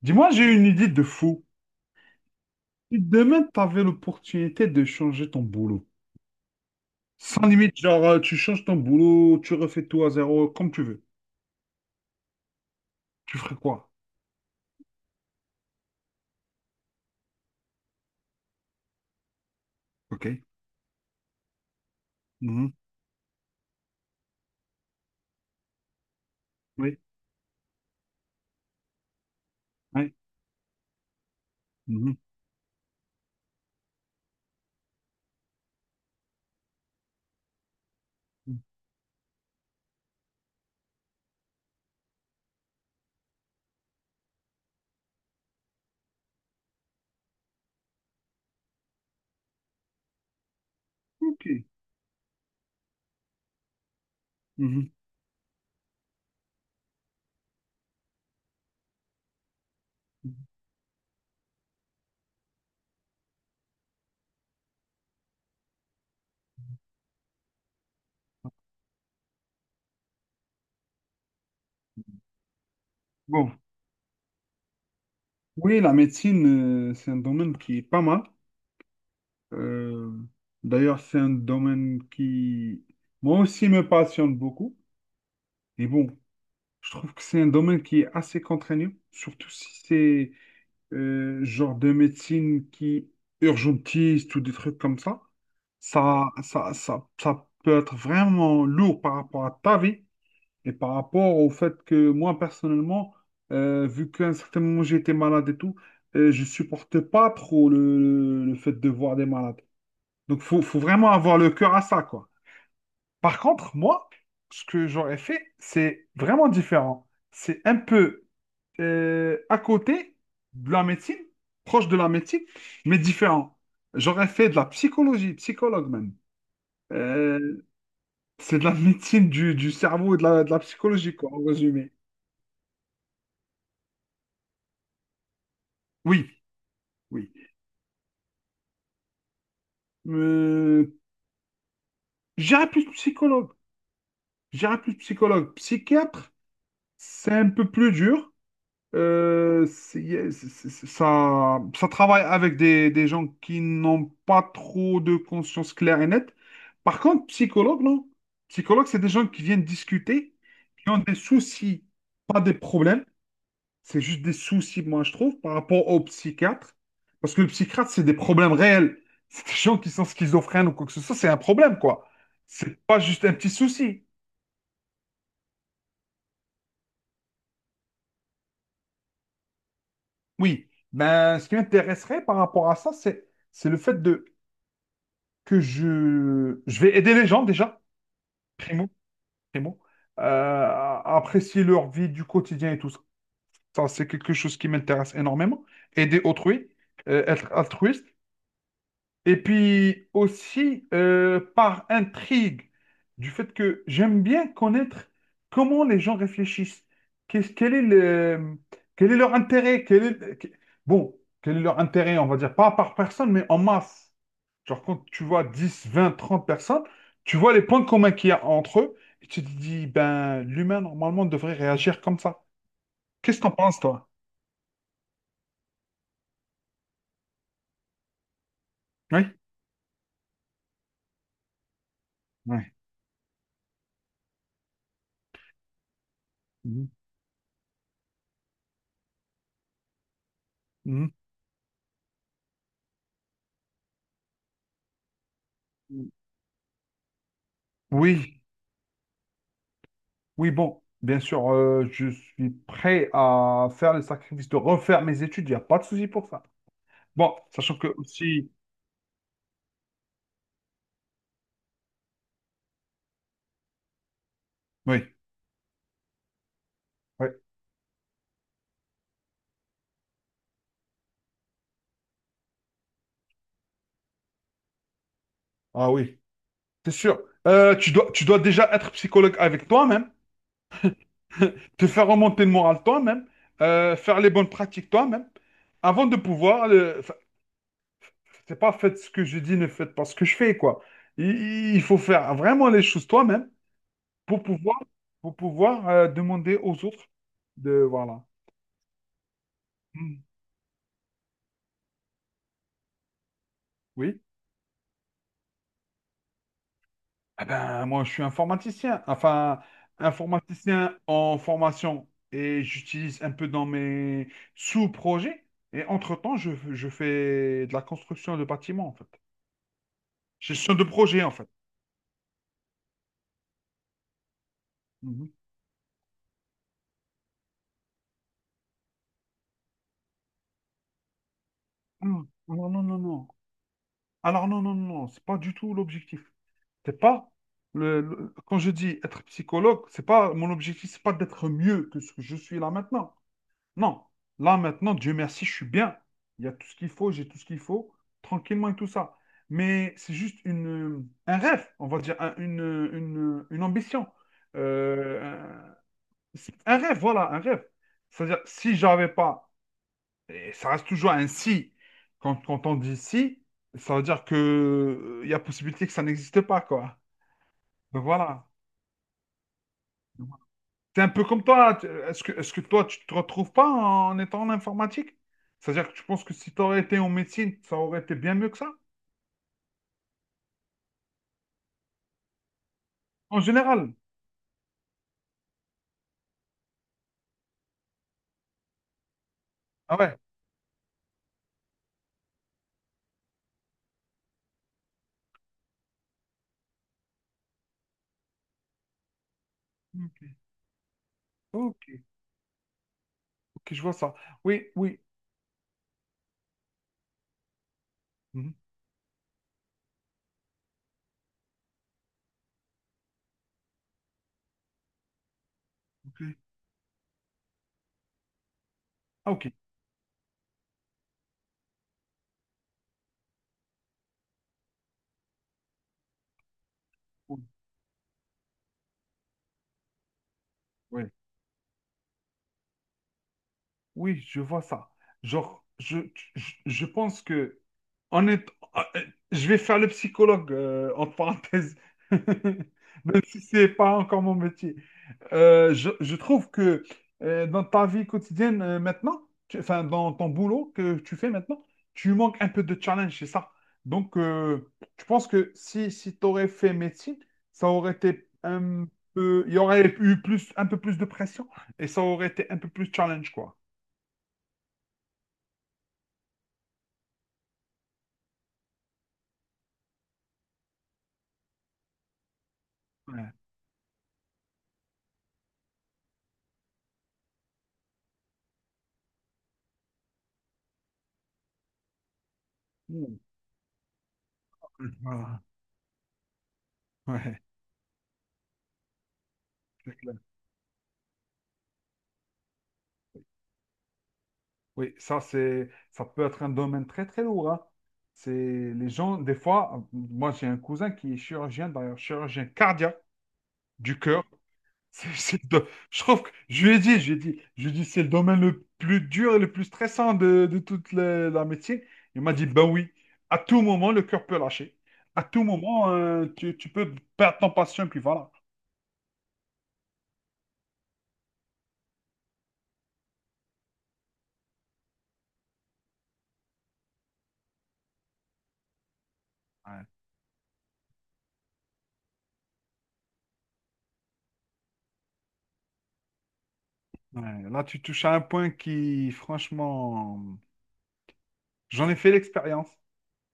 Dis-moi, j'ai une idée de fou. Si demain, tu avais l'opportunité de changer ton boulot, sans limite, genre, tu changes ton boulot, tu refais tout à zéro, comme tu veux, tu ferais quoi? OK. Mhm. Oui. Oui. Mhm. OK. Mhm. Bon. Oui, la médecine, c'est un domaine qui est pas mal. Euh, d'ailleurs, c'est un domaine qui, moi aussi, me passionne beaucoup. Et bon, je trouve que c'est un domaine qui est assez contraignant, surtout si c'est genre de médecine qui urgentiste ou des trucs comme ça, ça peut être vraiment lourd par rapport à ta vie et par rapport au fait que moi, personnellement, vu qu'à un certain moment j'étais malade et tout, je supportais pas trop le fait de voir des malades. Donc, faut vraiment avoir le cœur à ça, quoi. Par contre, moi, ce que j'aurais fait, c'est vraiment différent. C'est un peu à côté de la médecine, proche de la médecine, mais différent. J'aurais fait de la psychologie, psychologue même. Euh, c'est de la médecine du cerveau et de la de la psychologie, quoi, en résumé. Oui, oui. Euh, j'irais plus psychologue. J'irais plus psychologue. Psychiatre, c'est un peu plus dur. Ça, ça travaille avec des gens qui n'ont pas trop de conscience claire et nette. Par contre, psychologue, non. Psychologue, c'est des gens qui viennent discuter, qui ont des soucis, pas des problèmes. C'est juste des soucis, moi, je trouve, par rapport au psychiatre. Parce que le psychiatre, c'est des problèmes réels. C'est des gens qui sont schizophrènes ou quoi que ce soit, c'est un problème, quoi. C'est pas juste un petit souci. Oui. Ben, ce qui m'intéresserait par rapport à ça, c'est le fait de que je vais aider les gens déjà, primo, primo, à apprécier leur vie du quotidien et tout ça. Ça, c'est quelque chose qui m'intéresse énormément. Aider autrui, être altruiste. Et puis aussi, par intrigue, du fait que j'aime bien connaître comment les gens réfléchissent. Quel est le, quel est leur intérêt? Quel est, bon, quel est leur intérêt, on va dire, pas par personne, mais en masse. Genre, quand tu vois 10, 20, 30 personnes, tu vois les points communs qu'il y a entre eux, et tu te dis, ben, l'humain, normalement, devrait réagir comme ça. Qu'est-ce que t'en penses, toi? Oui? Oui, mhm. Mhm. Oui, oui, bon, bien sûr, je suis prêt à faire le sacrifice de refaire mes études, il n'y a pas de souci pour ça. Bon, sachant que aussi, oui, oui, ah oui, c'est sûr. Tu dois déjà être psychologue avec toi-même, te faire remonter le moral toi-même, faire les bonnes pratiques toi-même. Avant de pouvoir, enfin, c'est pas faites ce que je dis, ne faites pas ce que je fais, quoi. Il faut faire vraiment les choses toi-même pour pouvoir, pour pouvoir demander aux autres de, voilà. Hmm. Oui. Ah ben, moi, je suis informaticien, enfin, informaticien en formation et j'utilise un peu dans mes sous-projets. Et entre-temps, je fais de la construction de bâtiments, en fait. Gestion de projet, en fait. Mhm. Ah, alors non, non, non. Alors non, non, non, non, c'est pas du tout l'objectif. C'est pas quand je dis être psychologue, c'est pas mon objectif, c'est pas d'être mieux que ce que je suis là maintenant. Non, là maintenant, Dieu merci, je suis bien. Il y a tout ce qu'il faut, j'ai tout ce qu'il faut, tranquillement et tout ça. Mais c'est juste un rêve, on va dire, une ambition. Euh, un, c'est un rêve, voilà, un rêve. C'est-à-dire, si j'avais pas, et ça reste toujours un si, quand on dit si, ça veut dire que il y a possibilité que ça n'existe pas, quoi. Donc voilà. C'est un peu comme toi. Est-ce que toi, tu te retrouves pas en étant en informatique? C'est-à-dire que tu penses que si tu aurais été en médecine, ça aurait été bien mieux que ça? En général. Ah ouais. Ok, ok, ok, je vois ça. Oui, oui. Mhm, ok. Ah, ok. Oui, oui, oui, je vois ça. Genre, je, je pense que en est- ah, euh, je vais faire le psychologue, entre parenthèses, même si c'est pas encore mon métier. Je trouve que dans ta vie quotidienne maintenant, enfin dans ton boulot que tu fais maintenant, tu manques un peu de challenge, c'est ça. Donc, je pense que si tu aurais fait médecine, ça aurait été un peu, il y aurait eu plus, un peu plus de pression et ça aurait été un peu plus challenge, quoi. Ouais. Ouh. Voilà. Ouais, c'est clair. Oui, ça peut être un domaine très très lourd, hein. C'est les gens, des fois, moi j'ai un cousin qui est chirurgien, d'ailleurs chirurgien cardiaque. Du cœur. Je trouve que je lui ai dit, c'est le domaine le plus dur et le plus stressant de toute la médecine. Il m'a dit, ben oui, à tout moment, le cœur peut lâcher. À tout moment, tu peux perdre ton patient, puis voilà. Ouais, ouais. Là, tu touches à un point qui, franchement, j'en ai fait l'expérience.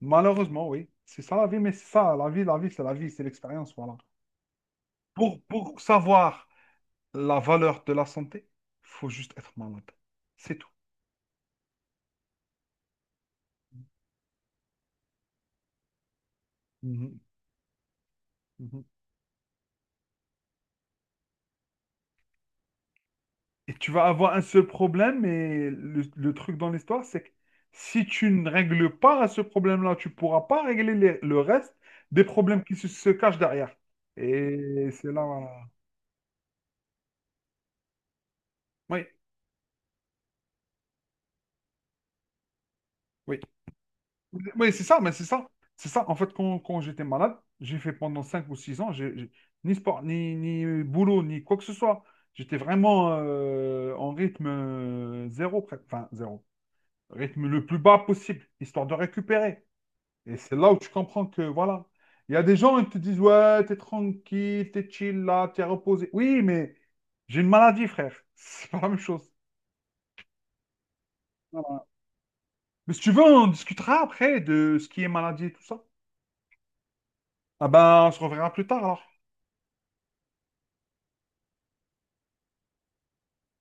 Malheureusement, oui. C'est ça la vie, mais c'est ça, la vie, c'est l'expérience, voilà. Pour savoir la valeur de la santé, il faut juste être malade. C'est tout. Mhm. Mhm. Et tu vas avoir un seul problème, et le truc dans l'histoire, c'est que si tu ne règles pas ce problème-là, tu pourras pas régler le reste des problèmes qui se cachent derrière. Et c'est là, voilà. Oui, oui. Oui, c'est ça, mais c'est ça. C'est ça. En fait, quand j'étais malade, j'ai fait pendant 5 ou 6 ans, ni sport, ni boulot, ni quoi que ce soit. J'étais vraiment en rythme zéro, enfin zéro, rythme le plus bas possible, histoire de récupérer. Et c'est là où tu comprends que, voilà, il y a des gens qui te disent, ouais, t'es tranquille, t'es chill là, t'es reposé. Oui, mais j'ai une maladie, frère. C'est pas la même chose. Mais si tu veux, on discutera après de ce qui est maladie et tout ça. Ah ben, on se reverra plus tard alors.